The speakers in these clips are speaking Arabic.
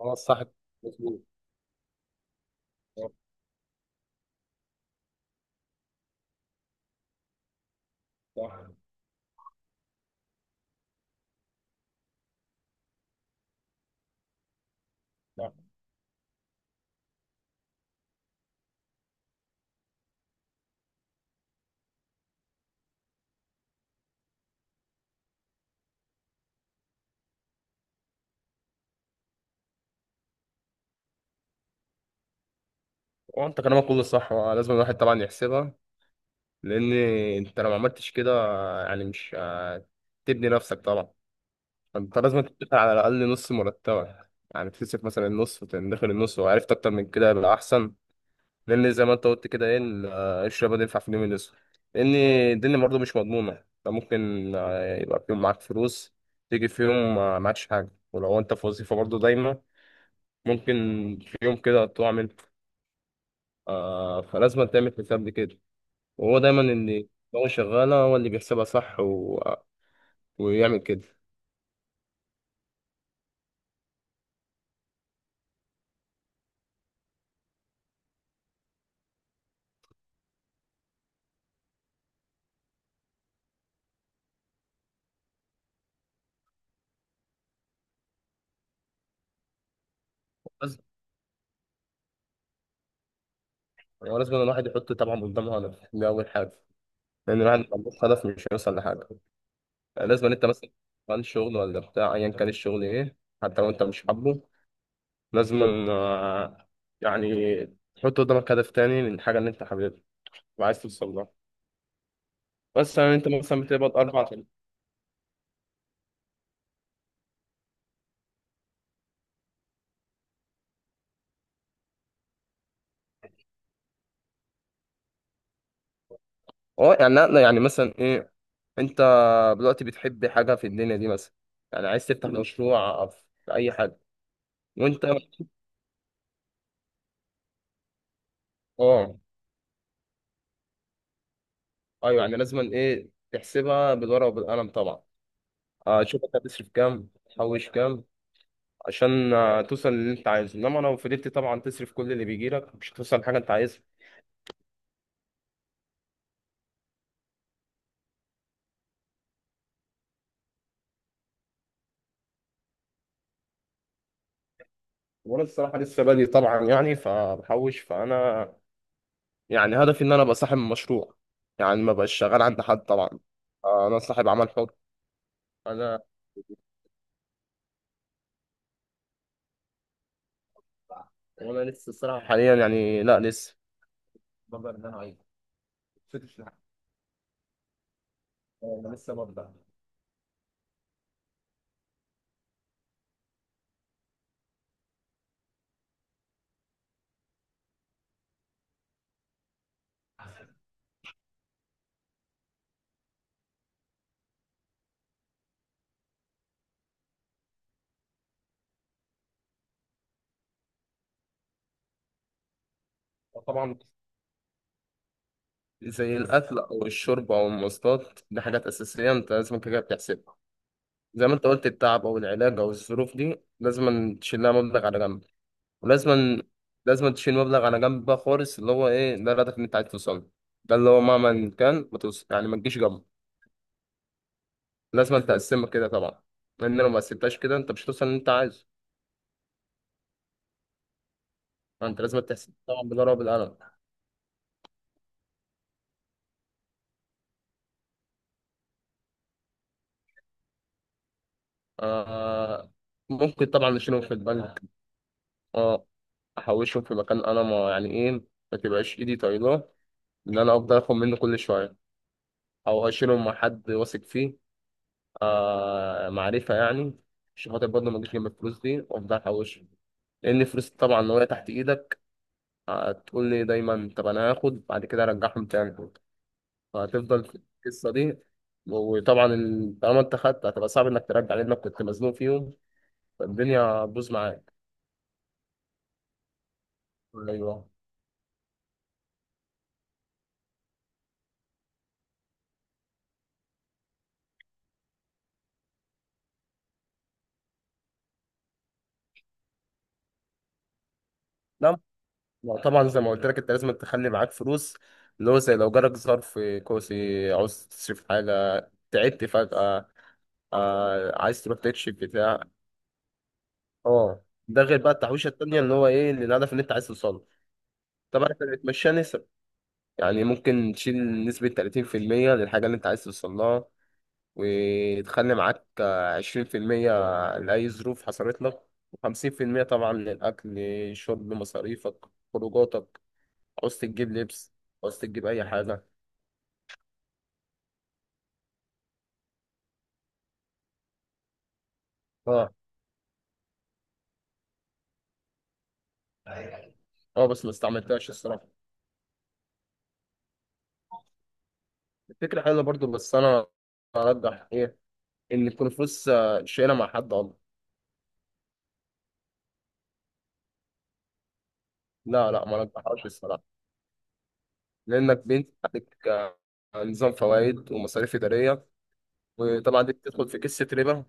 اه صح. مظبوط. آه، صح صح. وانت كلامك كله صح. لازم الواحد طبعا يحسبها، لان انت لو ما عملتش كده، يعني مش هتبني نفسك طبعا. انت لازم تدخل على الاقل نص مرتبك، يعني تصرف مثلا النص وتدخل النص، وعرفت اكتر من كده يبقى احسن. لان زي ما انت قلت كده ايه الشباب ده ينفع في اليوم الاسود، لان الدنيا برضه مش مضمونه. انت ممكن يبقى في يوم معاك فلوس، تيجي في يوم معكش حاجه. ولو انت في وظيفه برضه دايما ممكن في يوم كده تقع منك، فلازم تعمل حساب لكده. وهو دايما ان دماغه شغاله، هو اللي بيحسبها صح و... ويعمل كده. لازم لازم الواحد يحط طبعا قدامه هدف، دي اول حاجه، لان الواحد لو ملوش هدف مش هيوصل لحاجه. يعني لازم انت مثلا عن شغل ولا بتاع، ايا كان الشغل ايه، حتى لو انت مش حابه، لازم آه، يعني تحط قدامك هدف تاني للحاجه اللي انت حاببها وعايز توصل لها. بس يعني انت مثلا بتقبض 4000. اه يعني لا لا، يعني مثلا ايه، انت دلوقتي بتحب حاجه في الدنيا دي مثلا، يعني عايز تفتح مشروع في اي حاجه. وانت اه. ايوه يعني لازم ايه، تحسبها بالورقه وبالقلم طبعا. شوف انت هتصرف كام، تحوش كام، عشان توصل للي انت عايزه. انما لو فضلت طبعا تصرف كل اللي بيجي لك مش هتوصل لحاجه انت عايزها. وانا الصراحه لسه بادئ طبعا، يعني فبحوش. فانا يعني هدفي ان انا ابقى صاحب مشروع، يعني ما بقاش شغال عند حد طبعا. انا صاحب عمل حر. انا وانا لسه الصراحه حاليا يعني لا لسه ببدأ ان انا اعيش فكرة الحياة. انا لسه ببدأ. طبعا زي الاكل او الشرب او المواصلات، دي حاجات اساسيه انت لازم كده بتحسبها. زي ما انت قلت، التعب او العلاج او الظروف دي لازم تشيل لها مبلغ على جنب. ولازم تشيل مبلغ على جنب بقى خالص، اللي هو ايه، ده الهدف اللي انت عايز توصل له. ده اللي هو مهما كان ما توصل يعني ما تجيش جنبه. لازم تقسمها كده طبعا، لان لو ما قسمتهاش كده انت مش هتوصل اللي انت عايزه. فانت لازم تحسب طبعا بالورقه وبالقلم. آه، ممكن طبعا اشيلهم في البنك، اه احوشهم في مكان انا ما، يعني ايه، ما تبقاش ايدي طايله ان انا افضل اخد منه كل شويه، او اشيلهم مع حد واثق فيه، آه معرفه يعني، عشان خاطر برضه ما اجيش جنب الفلوس دي وافضل احوشهم. لان الفلوس طبعا لو هي تحت ايدك، هتقول لي دايما طب انا هاخد بعد كده ارجعهم تاني، فهتفضل في القصه دي. وطبعا طالما انت خدت هتبقى صعب انك ترجع، لانك كنت مزنوق فيهم، فالدنيا هتبوظ معاك. ايوه. لا لا طبعا، زي ما قلت لك انت لازم تخلي معاك فلوس، اللي هو زي لو جالك ظرف كوسي عاوز تصرف حاجة، تعبت فجأة، عايز تروح تكشف بتاع. اه ده غير بقى التحويشة التانية، اللي هو ايه، للهدف اللي انت عايز توصله. طبعا احنا بنتمشى نسب، يعني ممكن تشيل نسبة 30% للحاجة اللي انت عايز توصل لها، وتخلي معاك 20% لأي ظروف حصلت لك، و50% طبعا للأكل، شرب، مصاريفك، خروجاتك، عاوز تجيب لبس، عاوز تجيب أي حاجة. اه. اه بس ما استعملتهاش الصراحه. الفكره حلوه برضو، بس انا ارجح ايه، ان تكون فلوس شايلها مع حد والله. لا لا ما ارجحهاش الصراحه، لانك بنت عليك نظام فوائد ومصاريف اداريه. وطبعا دي بتدخل في قصه ربا،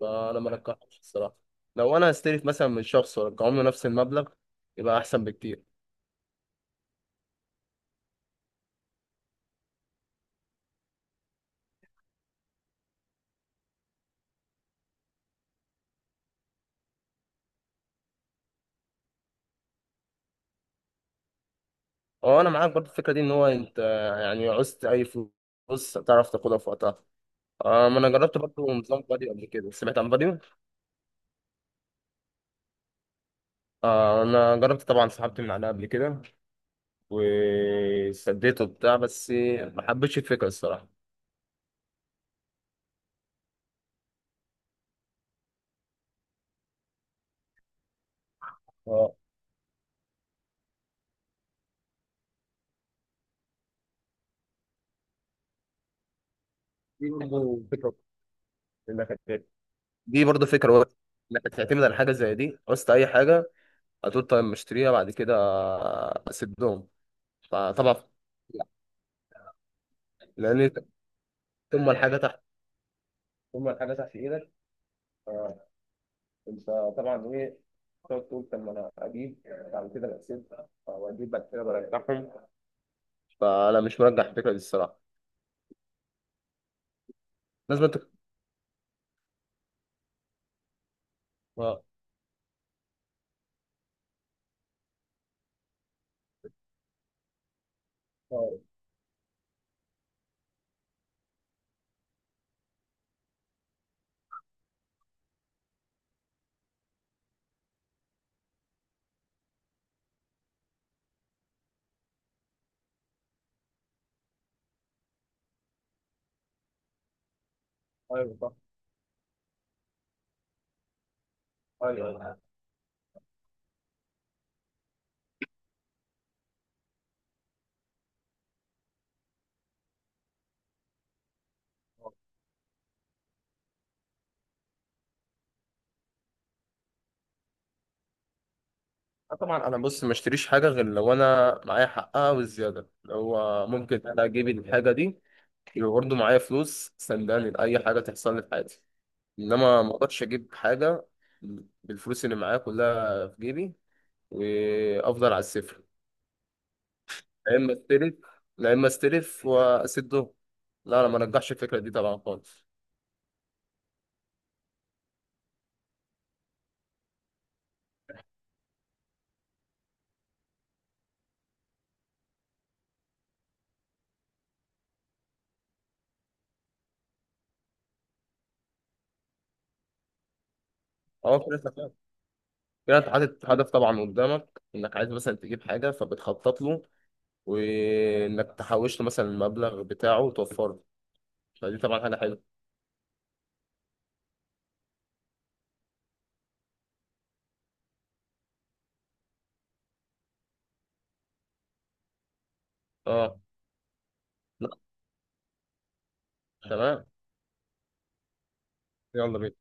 فانا ما ارجحهاش الصراحه. لو انا استلف مثلا من شخص وارجعهم له نفس المبلغ يبقى احسن بكتير. اه انا معاك برضو الفكره دي، ان هو انت يعني عوزت اي فلوس تعرف تاخدها في وقتها. ما انا جربت برضو نظام فاديو قبل كده، سمعت عن فاديو. آه انا جربت طبعا، سحبت من عليها قبل كده وسديته وبتاع، بس ما حبيتش الفكره الصراحه. آه، دي برضه فكرة. اللي كانت- دي برضه فكره وقت، انك تعتمد على حاجه زي دي. قصت اي حاجه هتقول طيب مشتريها بعد كده اسدهم. فطبعا لا، لان انت ثم الحاجه تحت ثم الحاجه تحت ايدك، انت طبعا ايه، تقعد تقول طب ما انا اجيب بعد كده بسيب، او اجيب بعد كده برجعهم. فانا مش مرجح الفكره دي الصراحه. لازم انت آه. ايوه صح. ايوه ايوه. طبعا انا بص ما اشتريش حاجه غير لو انا معايا حقها والزياده، اللي هو ممكن انا اجيب الحاجه دي يبقى برضه معايا فلوس سنداني لاي حاجه تحصل لي في حياتي. انما ما اقدرش اجيب حاجه بالفلوس اللي معايا كلها في جيبي وافضل على الصفر. لا اما استلف لا اما استلف واسده، لا انا ما رجحش الفكره دي طبعا خالص. هو كده انت، كده أنت حاطط هدف طبعا قدامك، انك عايز مثلا تجيب حاجه فبتخطط له، وانك تحوش له مثلا المبلغ بتاعه وتوفره، فدي طبعا حاجه حلوه. اه. لا، تمام. يلا بينا.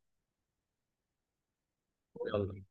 يلا.